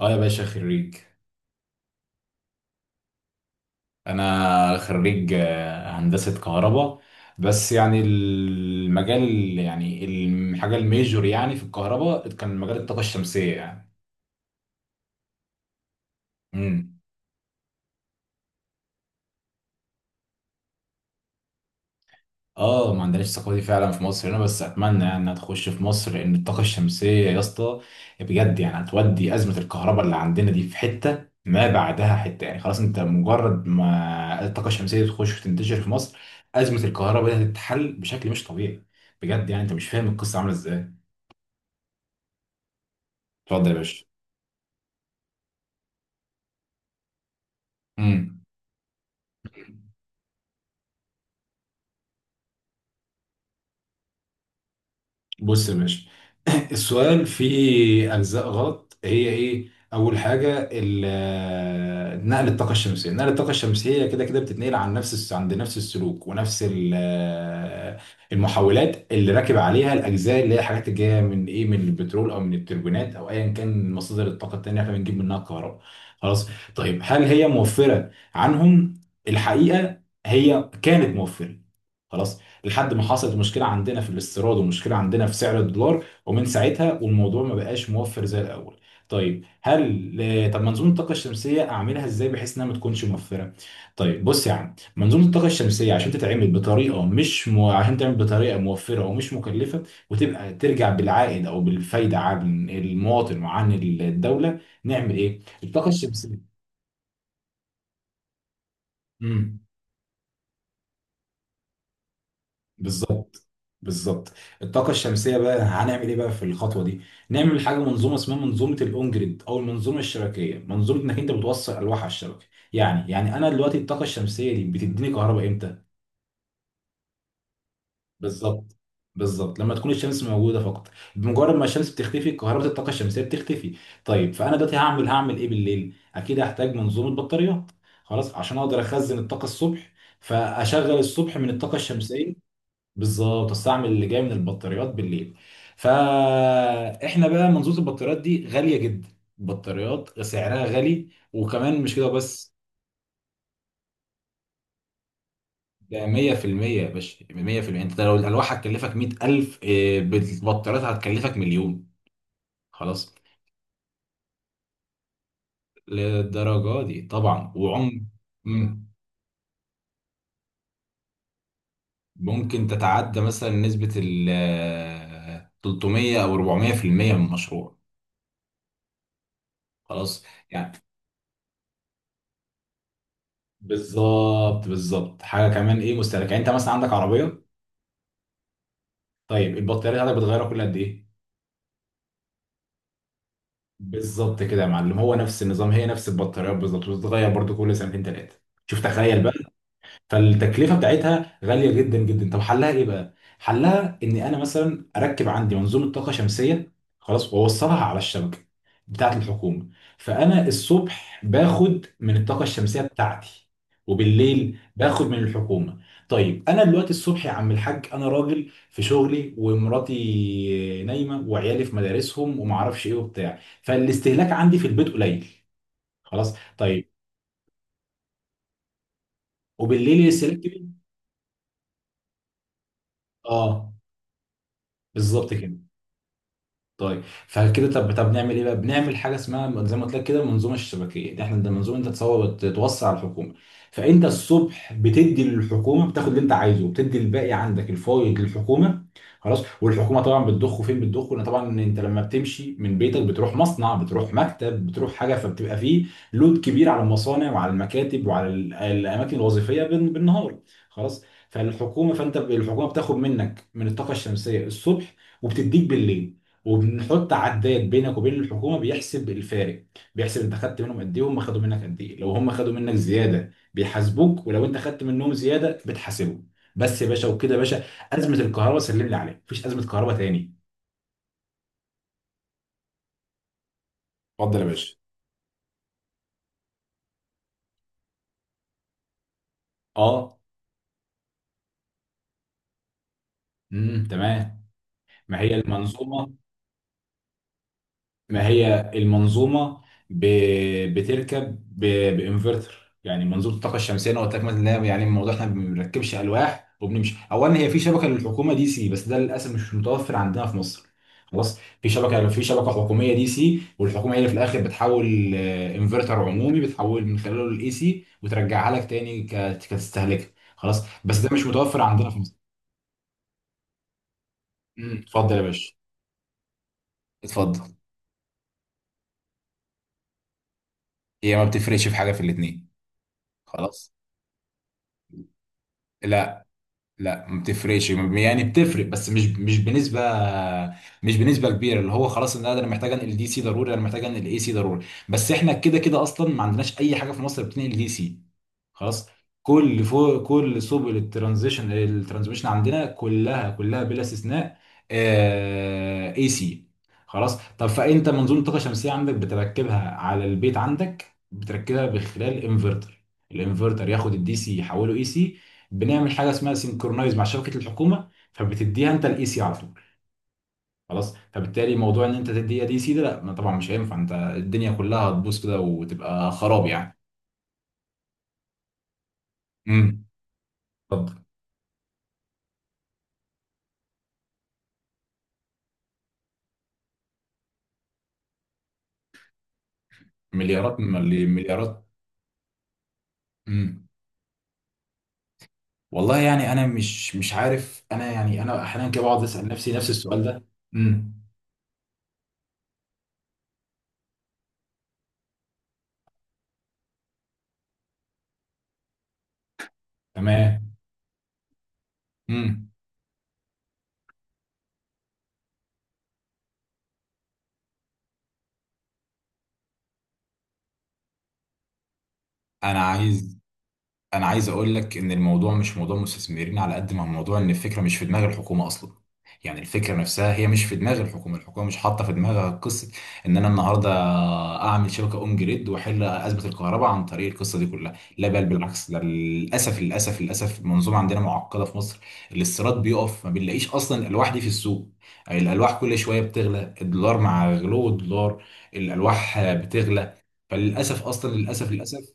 اه يا باشا، خريج. انا خريج هندسة كهرباء. بس يعني المجال، يعني الحاجة الميجور يعني في الكهرباء كان مجال الطاقة الشمسية. يعني اه، ما عندناش الثقافه دي فعلا في مصر هنا، بس اتمنى يعني انها تخش في مصر، لان الطاقه الشمسيه يا اسطى، بجد يعني هتودي ازمه الكهرباء اللي عندنا دي في حته ما بعدها حته. يعني خلاص، انت مجرد ما الطاقه الشمسيه تخش وتنتشر في مصر، ازمه الكهرباء دي هتتحل بشكل مش طبيعي. بجد يعني انت مش فاهم القصه عامله ازاي. اتفضل يا باشا. امم. بص يا باشا، السؤال فيه أجزاء غلط، هي إيه؟ أول حاجة نقل الطاقة الشمسية، نقل الطاقة الشمسية كده كده بتتنقل عن نفس عند نفس السلوك ونفس المحولات اللي راكب عليها. الأجزاء اللي هي الحاجات اللي جاية من إيه؟ من البترول أو من التربينات أو أيا كان مصادر الطاقة التانية إحنا بنجيب منها الكهرباء. خلاص؟ طيب هل هي موفرة عنهم؟ الحقيقة هي كانت موفرة. خلاص؟ لحد ما حصلت مشكله عندنا في الاستيراد ومشكله عندنا في سعر الدولار، ومن ساعتها والموضوع ما بقاش موفر زي الاول. طيب هل، طب منظومه الطاقه الشمسيه اعملها ازاي بحيث انها ما تكونش موفره؟ طيب بص يا عم، منظومه الطاقه الشمسيه عشان تتعمل بطريقه مش م... عشان تعمل بطريقه موفره ومش مكلفه، وتبقى ترجع بالعائد او بالفايده عن المواطن وعن الدوله، نعمل ايه الطاقه الشمسيه؟ مم. بالظبط بالظبط. الطاقة الشمسية بقى هنعمل ايه بقى في الخطوة دي؟ نعمل حاجة منظومة اسمها منظومة الاون جريد او المنظومة الشبكية، منظومة انك انت بتوصل الواح على الشبكة. يعني يعني انا دلوقتي الطاقة الشمسية دي بتديني كهرباء امتى؟ بالظبط بالظبط لما تكون الشمس موجودة فقط. بمجرد ما الشمس بتختفي كهرباء الطاقة الشمسية بتختفي. طيب فانا دلوقتي هعمل هعمل ايه بالليل؟ اكيد هحتاج منظومة بطاريات. خلاص، عشان اقدر اخزن الطاقة الصبح فاشغل الصبح من الطاقة الشمسية. بالظبط، استعمل اللي جاي من البطاريات بالليل. فاحنا بقى منظومه البطاريات دي غاليه جدا. البطاريات سعرها غالي، وكمان مش كده بس، ده 100% يا باشا، 100%. انت لو الالواح هتكلفك 100,000 بالبطاريات هتكلفك مليون. خلاص. للدرجه دي طبعا وعم. مم. ممكن تتعدى مثلا نسبه ال 300 او 400% من المشروع. خلاص يعني. بالظبط بالظبط. حاجه كمان ايه، مستهلك. يعني انت مثلا عندك عربيه، طيب البطاريه بتاعتك بتغيرها كل قد ايه؟ بالظبط كده يا معلم، هو نفس النظام، هي نفس البطاريات بالظبط، بتتغير برضو كل سنتين ثلاثه. شوف تخيل بقى. فالتكلفه بتاعتها غاليه جدا جدا. طب حلها ايه بقى؟ حلها ان انا مثلا اركب عندي منظومه طاقه شمسيه. خلاص، واوصلها على الشبكه بتاعت الحكومه. فانا الصبح باخد من الطاقه الشمسيه بتاعتي، وبالليل باخد من الحكومه. طيب انا دلوقتي الصبح يا عم الحاج، انا راجل في شغلي، ومراتي نايمه، وعيالي في مدارسهم، ومعرفش ايه وبتاع، فالاستهلاك عندي في البيت قليل. خلاص طيب. وبالليل الاستهلاك كبير. اه بالظبط كده. طيب فكده، طب طب نعمل ايه بقى؟ بنعمل حاجه اسمها زي ما قلت لك كده المنظومه الشبكيه دي. احنا ده منظومه انت تصور توصي على الحكومه. فانت الصبح بتدي للحكومه، بتاخد اللي انت عايزه وبتدي الباقي عندك الفايض للحكومه. خلاص. والحكومه طبعا بتضخه فين؟ بتضخه، لأن طبعا انت لما بتمشي من بيتك بتروح مصنع، بتروح مكتب، بتروح حاجه، فبتبقى فيه لود كبير على المصانع وعلى المكاتب وعلى الاماكن الوظيفيه بالنهار. خلاص. فالحكومه، فانت الحكومه بتاخد منك من الطاقه الشمسيه الصبح وبتديك بالليل، وبنحط عداد بينك وبين الحكومه بيحسب الفارق. بيحسب انت خدت منهم قد ايه وهم خدوا منك قد ايه. لو هم خدوا منك زياده بيحاسبوك، ولو انت خدت منهم زياده بتحاسبهم. بس يا باشا، وكده يا باشا ازمه الكهرباء سلم لي عليها، مفيش ازمه كهرباء تاني. اتفضل يا باشا. اه. تمام. ما هي المنظومه، ما هي المنظومه ب... بتركب بانفرتر. يعني منظومه الطاقه الشمسيه انا قلت لك مثلا إن يعني الموضوع احنا ما بنركبش الواح وبنمشي. اولا هي في شبكه للحكومه دي سي، بس ده للاسف مش متوفر عندنا في مصر. خلاص، في شبكه، في شبكه حكوميه دي سي، والحكومه هي اللي في الاخر بتحول انفرتر عمومي بتحول من خلاله الاي سي وترجعها لك تاني كتستهلكها. خلاص، بس ده مش متوفر عندنا في مصر. اتفضل يا باشا، اتفضل. هي ما بتفرقش في حاجه في الاثنين. خلاص. لا. لا ما بتفرقش، يعني بتفرق بس مش بنسبه، مش بنسبه كبيره. اللي هو خلاص ان انا محتاج انقل دي سي ضروري، انا محتاج انقل اي سي ضروري، بس احنا كده كده اصلا ما عندناش اي حاجه في مصر بتنقل دي سي. خلاص. كل فوق كل سبل الترانزيشن الترانسميشن عندنا كلها كلها بلا استثناء اي سي. خلاص. طب فانت منظومه طاقه شمسيه عندك بتركبها على البيت، عندك بتركبها بخلال انفرتر. الانفرتر ياخد الدي سي يحوله اي سي. بنعمل حاجه اسمها سينكرونايز مع شبكه الحكومه، فبتديها انت الاي سي على طول. خلاص. فبالتالي موضوع ان انت تديها دي سي، ده لا، ما طبعا مش هينفع، انت الدنيا كلها هتبوظ كده وتبقى خراب يعني. امم. اتفضل. مليارات م- مليارات. امم. والله يعني انا مش عارف. انا يعني انا احيانا كده بقعد اسال نفسي نفس السؤال ده. امم. تمام. امم. انا عايز انا عايز اقول لك ان الموضوع مش موضوع مستثمرين على قد ما هو موضوع ان الفكره مش في دماغ الحكومه اصلا. يعني الفكره نفسها هي مش في دماغ الحكومه. الحكومه مش حاطه في دماغها قصه ان انا النهارده اعمل شبكه اون جريد واحل ازمه الكهرباء عن طريق القصه دي كلها. لا بل بالعكس، ده للاسف للاسف للاسف المنظومه عندنا معقده في مصر. الاستيراد بيقف، ما بنلاقيش اصلا الالواح دي في السوق. الالواح كل شويه بتغلى، الدولار مع غلو الدولار الالواح بتغلى. فللاسف اصلا، للاسف للاسف.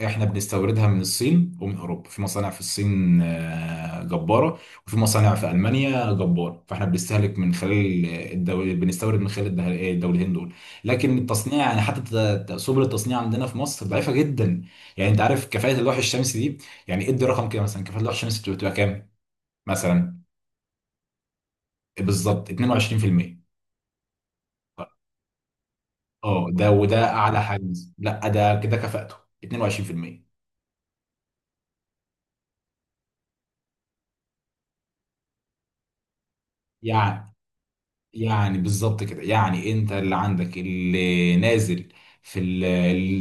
احنا بنستوردها من الصين ومن اوروبا. في مصانع في الصين جباره، وفي مصانع في المانيا جباره، فاحنا بنستهلك من خلال الدول، بنستورد من خلال الدولتين دول. لكن التصنيع يعني حتى سبل التصنيع عندنا في مصر ضعيفه جدا. يعني انت عارف كفاءه اللوح الشمسي دي، يعني ادي رقم كده مثلا، كفاءه اللوح الشمسي بتبقى بتبقى كام مثلا؟ بالظبط 22%. اه ده، وده اعلى حاجز، لا ده كده كفاءته 22%. يعني يعني بالظبط كده. يعني انت اللي عندك اللي نازل في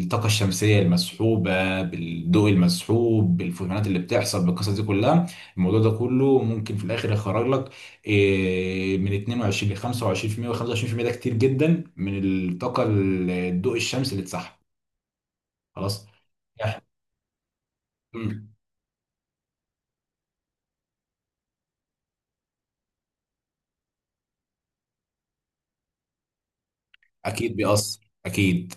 الطاقة الشمسية المسحوبة بالضوء المسحوب بالفوتونات اللي بتحصل بالقصص دي كلها، الموضوع ده كله ممكن في الآخر يخرج لك من 22 ل 25%، و 25% ده كتير جدا من الطاقة الضوء الشمسي اللي اتسحب. خلاص. إح- مم. أكيد بيأثر. أكيد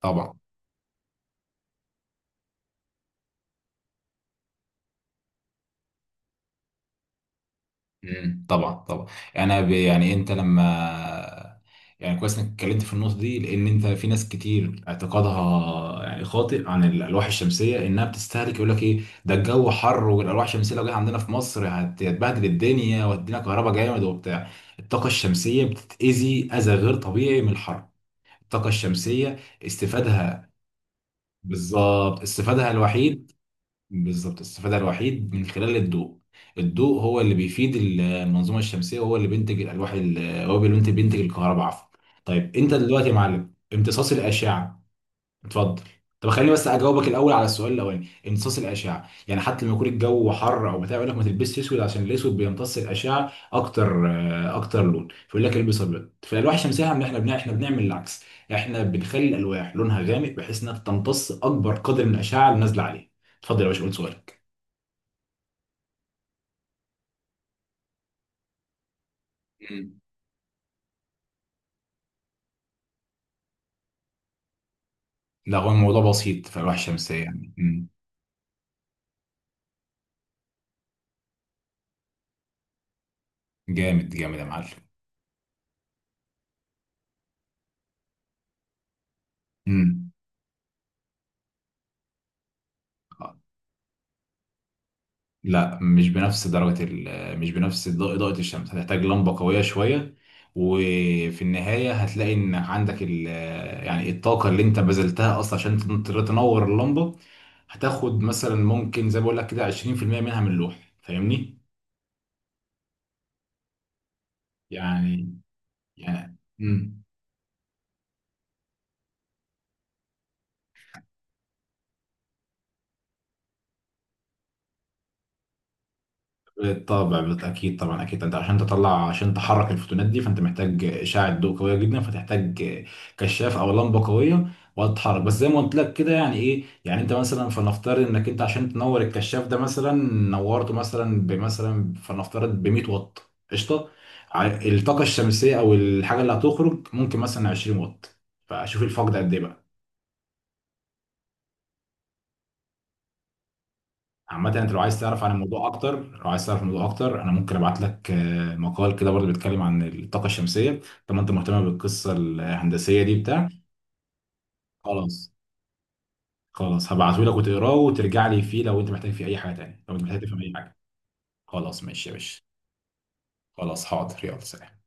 طبعا. مم، طبعا طبعا. يعني يعني انت لما، يعني كويس انك اتكلمت في النقطه دي، لان انت في ناس كتير اعتقادها يعني خاطئ عن الالواح الشمسيه انها بتستهلك. يقول لك ايه، ده الجو حر، والالواح الشمسيه لو جت عندنا في مصر هتبهدل الدنيا وهتدينا كهرباء جامد وبتاع. الطاقه الشمسيه بتتاذي اذى غير طبيعي من الحر. الطاقه الشمسيه استفادها، بالظبط استفادها الوحيد، بالظبط الاستفادة الوحيد من خلال الضوء. الضوء هو اللي بيفيد المنظومة الشمسية، وهو اللي بينتج الألواح هو اللي بينتج بينتج الكهرباء، عفوا. طيب أنت دلوقتي يا معلم امتصاص الأشعة، اتفضل. طب خليني بس اجاوبك الاول على السؤال الاولاني. امتصاص الاشعه، يعني حتى لما يكون الجو حر او بتاع يقول لك ما تلبسش اسود عشان الاسود بيمتص الاشعه اكتر، اكتر لون، فيقول لك البس ابيض. فالالواح الشمسيه احنا، احنا احنا بنعمل العكس. احنا بنخلي الالواح لونها غامق بحيث انها تمتص اكبر قدر من الاشعه اللي نازله عليه. اتفضل يا باشا، قول سؤالك. مم. لا هو الموضوع بسيط في الالواح الشمسيه يعني. مم. جامد جامد يا معلم. مم. لا مش بنفس درجة مش بنفس إضاءة الشمس، هتحتاج لمبة قوية شوية. وفي النهاية هتلاقي إن عندك ال، يعني الطاقة اللي أنت بذلتها أصلا عشان تنور اللمبة، هتاخد مثلا ممكن زي ما بقول لك كده 20% منها من اللوح، فاهمني؟ يعني يعني مم. بالطبع، اكيد طبعا. اكيد انت عشان تطلع، عشان تحرك الفوتونات دي فانت محتاج اشعه ضوء قويه جدا، فتحتاج كشاف او لمبه قويه وتتحرك. بس زي ما قلت لك كده، يعني ايه، يعني انت مثلا فلنفترض انك انت عشان تنور الكشاف ده مثلا، نورته مثلا فلنفترض ب 100 واط، قشطه. الطاقه الشمسيه او الحاجه اللي هتخرج ممكن مثلا 20 واط، فشوف الفرق ده قد ايه بقى. عامة انت لو عايز تعرف عن الموضوع اكتر، لو عايز تعرف الموضوع اكتر، انا ممكن ابعت لك مقال كده برضه بيتكلم عن الطاقة الشمسية. طب ما انت مهتم بالقصة الهندسية دي بتاع خلاص. خلاص هبعته لك وتقراه وترجع لي فيه لو انت محتاج فيه اي حاجة تانية، لو انت محتاج تفهم اي حاجة. خلاص ماشي يا باشا. خلاص حاضر، يلا سلام.